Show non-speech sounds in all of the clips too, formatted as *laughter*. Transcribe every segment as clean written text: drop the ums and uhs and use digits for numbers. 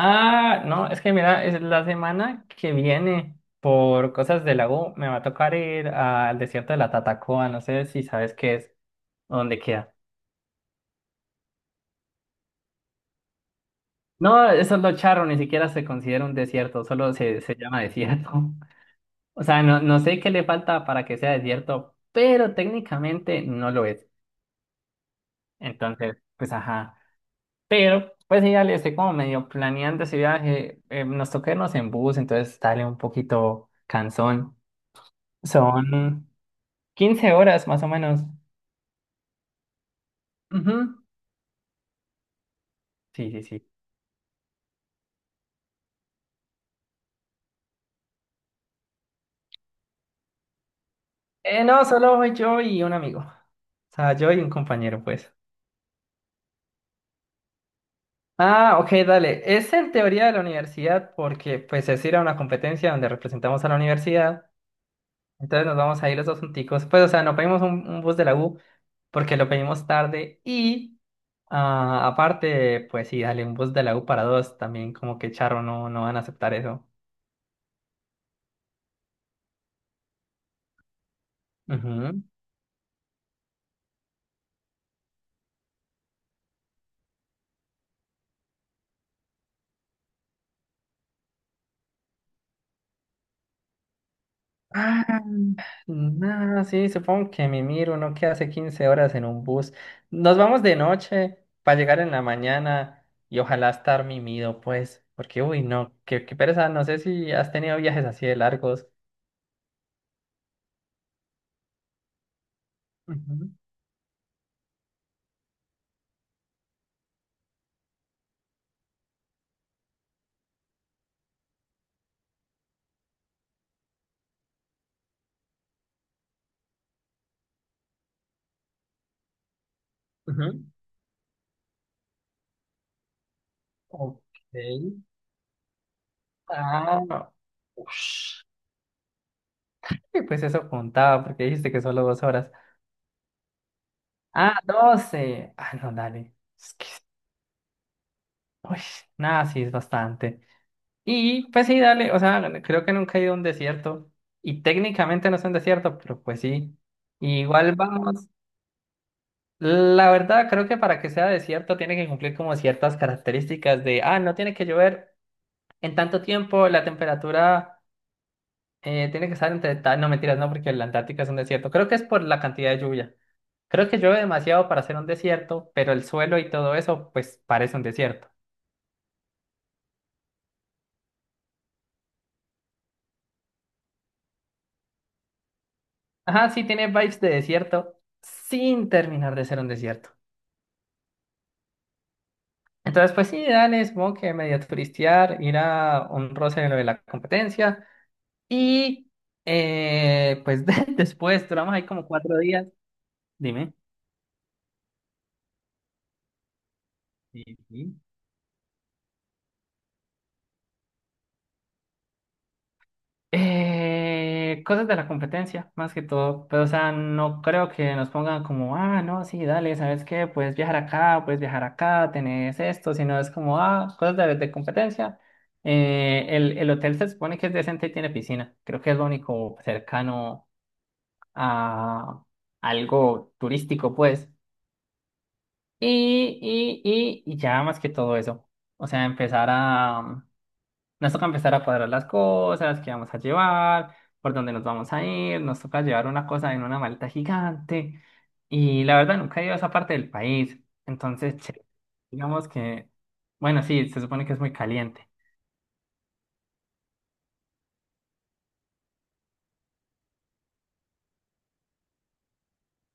Ah, no, es que mira, es la semana que viene, por cosas de la U, me va a tocar ir al desierto de la Tatacoa, no sé si sabes qué es, o dónde queda. No, eso es lo charro, ni siquiera se considera un desierto, solo se llama desierto. *laughs* O sea, no, no sé qué le falta para que sea desierto, pero técnicamente no lo es. Entonces, pues ajá. Pero, pues sí, dale, estoy como medio planeando ese viaje. Nos toca irnos en bus, entonces dale un poquito cansón. Mm. Son 15 horas más o menos. Ujú. Sí, sí, sí. No, solo voy yo y un amigo. O sea, yo y un compañero, pues. Ah, ok, dale. Es en teoría de la universidad porque, pues, es ir a una competencia donde representamos a la universidad. Entonces nos vamos a ir los dos junticos. Pues, o sea, no pedimos un bus de la U porque lo pedimos tarde y, aparte, pues, sí, dale, un bus de la U para dos también, como que charro, no, no van a aceptar eso. Ujú. Ah, no, sí, supongo que mi miro, uno que hace 15 horas en un bus. Nos vamos de noche para llegar en la mañana y ojalá estar mimido, pues, porque uy, no, qué pereza, no sé si has tenido viajes así de largos. Ujú, ujú. Ok. Ah, no. Ush. Y pues eso contaba, porque dijiste que solo 2 horas. Ah, doce, no, dale. Es que, uy, nada, sí es bastante. Y pues sí, dale, o sea, creo que nunca he ido a un desierto y técnicamente no es un desierto, pero pues sí. Igual vamos, la verdad creo que para que sea desierto tiene que cumplir como ciertas características de, no tiene que llover en tanto tiempo, la temperatura tiene que estar entre tal, no mentiras, no, porque la Antártica es un desierto. Creo que es por la cantidad de lluvia. Creo que llueve demasiado para ser un desierto, pero el suelo y todo eso pues parece un desierto. Ajá, sí tiene vibes de desierto sin terminar de ser un desierto. Entonces, pues sí, dale, supongo que medio turistear, ir a un roce de lo de la competencia. Y pues *laughs* después duramos ahí como 4 días. Dime. Sí, sí. Cosas de la competencia, más que todo. Pero, o sea, no creo que nos pongan como, no, sí, dale, ¿sabes qué? Puedes viajar acá, tenés esto, sino es como, cosas de competencia. El hotel se supone que es decente y tiene piscina. Creo que es lo único cercano a algo turístico, pues. Y, y, y ya más que todo eso. O sea, empezar a... Nos toca empezar a cuadrar las cosas, qué vamos a llevar, por dónde nos vamos a ir. Nos toca llevar una cosa en una maleta gigante. Y la verdad, nunca he ido a esa parte del país. Entonces, che, digamos que... Bueno, sí, se supone que es muy caliente.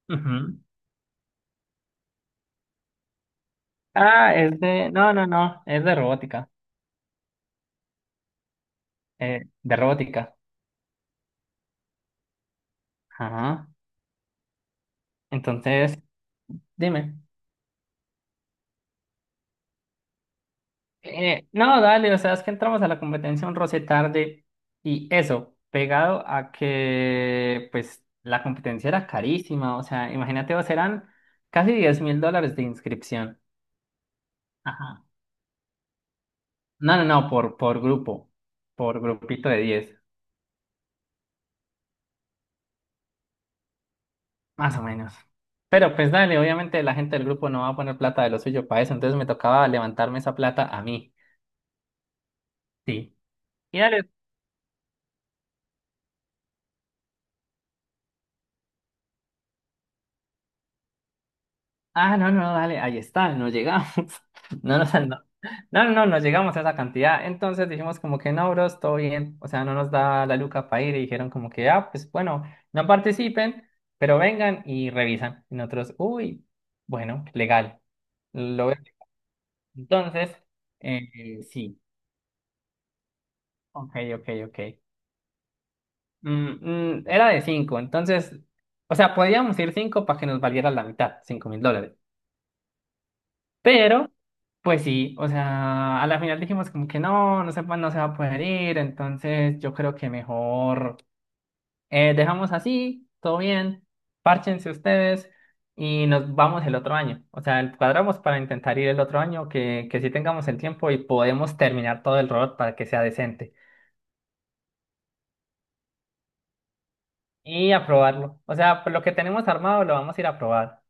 Ujú. Ah, es de... No, no, no, es de robótica. De robótica. Ajá. Entonces, dime. No, dale, o sea, es que entramos a la competencia un roce tarde y eso, pegado a que pues la competencia era carísima, o sea, imagínate, vos eran casi $10.000 de inscripción. Ajá. No, no, no, por grupo, por grupito de 10, más o menos. Pero pues dale, obviamente la gente del grupo no va a poner plata de lo suyo para eso, entonces me tocaba levantarme esa plata a mí. Sí. Y dale, no, no, dale, ahí está, no llegamos. *laughs* No, no no, no, no, no llegamos a esa cantidad. Entonces dijimos como que no, bros, todo bien. O sea, no nos da la luca para ir y dijeron como que, pues bueno, no participen, pero vengan y revisan. Y nosotros, uy, bueno, legal. Lo veo. Entonces, sí, ok, ok, ok. Era de cinco, entonces, o sea, podíamos ir cinco para que nos valiera la mitad, $5.000. Pero, pues sí, o sea, a la final dijimos como que no, no se va a poder ir, entonces yo creo que mejor dejamos así, todo bien, párchense ustedes y nos vamos el otro año. O sea, cuadramos para intentar ir el otro año, que sí tengamos el tiempo y podemos terminar todo el robot para que sea decente y aprobarlo. O sea, pues lo que tenemos armado lo vamos a ir a probar.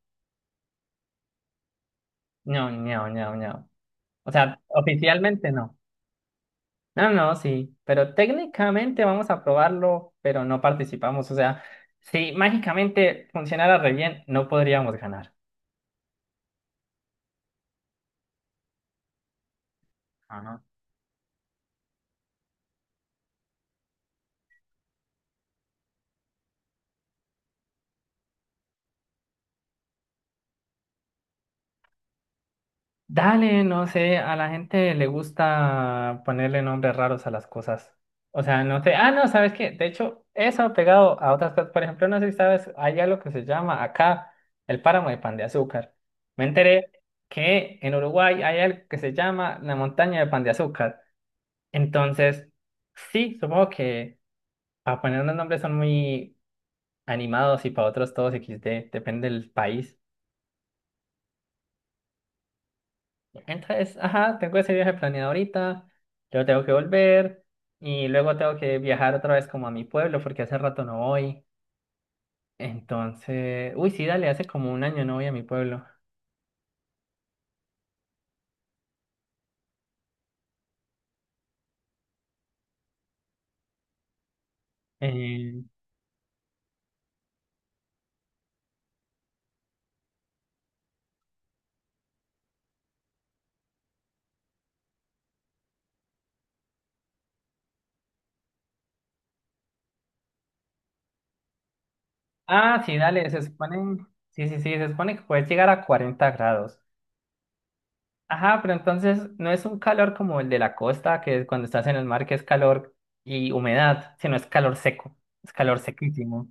No, no, no, no. O sea, oficialmente no. No, no, sí, pero técnicamente vamos a probarlo, pero no participamos. O sea, si mágicamente funcionara re bien, no podríamos ganar. Ajá. Dale, no sé, a la gente le gusta ponerle nombres raros a las cosas. O sea, no sé. Ah, no, ¿sabes qué? De hecho, eso pegado a otras cosas. Por ejemplo, no sé si sabes, hay algo que se llama acá el páramo de pan de azúcar. Me enteré que en Uruguay hay algo que se llama la montaña de pan de azúcar. Entonces, sí, supongo que. Para poner unos nombres son muy animados y para otros todos XD, depende del país. Entonces, ajá, tengo ese viaje planeado ahorita, luego tengo que volver y luego tengo que viajar otra vez como a mi pueblo porque hace rato no voy. Entonces, uy, sí, dale, hace como un año no voy a mi pueblo. Eh, sí, dale, se supone, sí, sí, sí, se supone que puedes llegar a 40 grados. Ajá, pero entonces no es un calor como el de la costa, que cuando estás en el mar, que es calor y humedad, sino es calor seco, es calor sequísimo.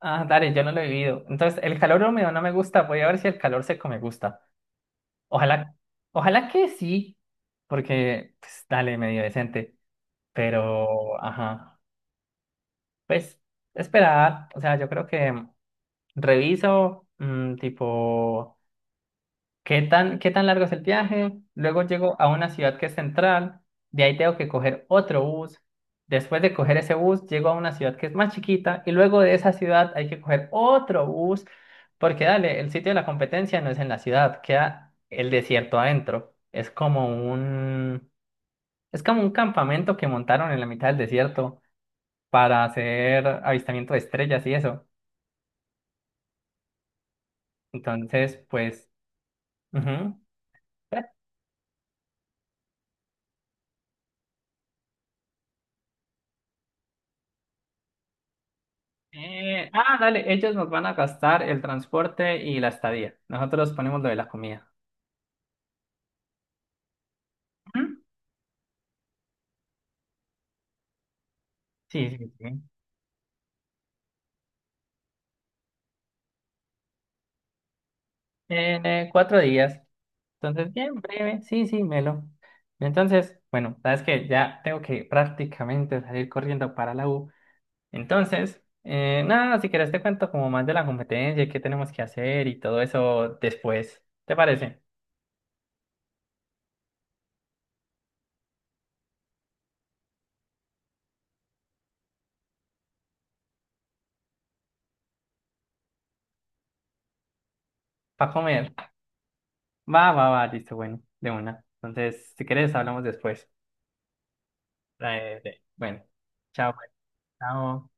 Ah, dale, yo no lo he vivido. Entonces, el calor húmedo no me gusta, voy a ver si el calor seco me gusta. Ojalá, ojalá que sí, porque, pues, dale, medio decente, pero, ajá, pues, esperar, o sea, yo creo que reviso, tipo... ¿Qué tan largo es el viaje? Luego llego a una ciudad que es central, de ahí tengo que coger otro bus. Después de coger ese bus, llego a una ciudad que es más chiquita y luego de esa ciudad hay que coger otro bus, porque dale, el sitio de la competencia no es en la ciudad, queda el desierto adentro. Es como un campamento que montaron en la mitad del desierto para hacer avistamiento de estrellas y eso. Entonces, pues, ujú. Dale, ellos nos van a gastar el transporte y la estadía. Nosotros ponemos lo de la comida. Ujú. Sí, sí, sí. En 4 días. Entonces, bien breve. Sí, sí, Melo. Entonces, bueno, sabes que ya tengo que prácticamente salir corriendo para la U. Entonces, nada, si quieres te cuento como más de la competencia y qué tenemos que hacer y todo eso después. ¿Te parece? Para comer. Va, va, va, listo, bueno, de una. Entonces, si quieres hablamos después. Bueno, chao. Chao.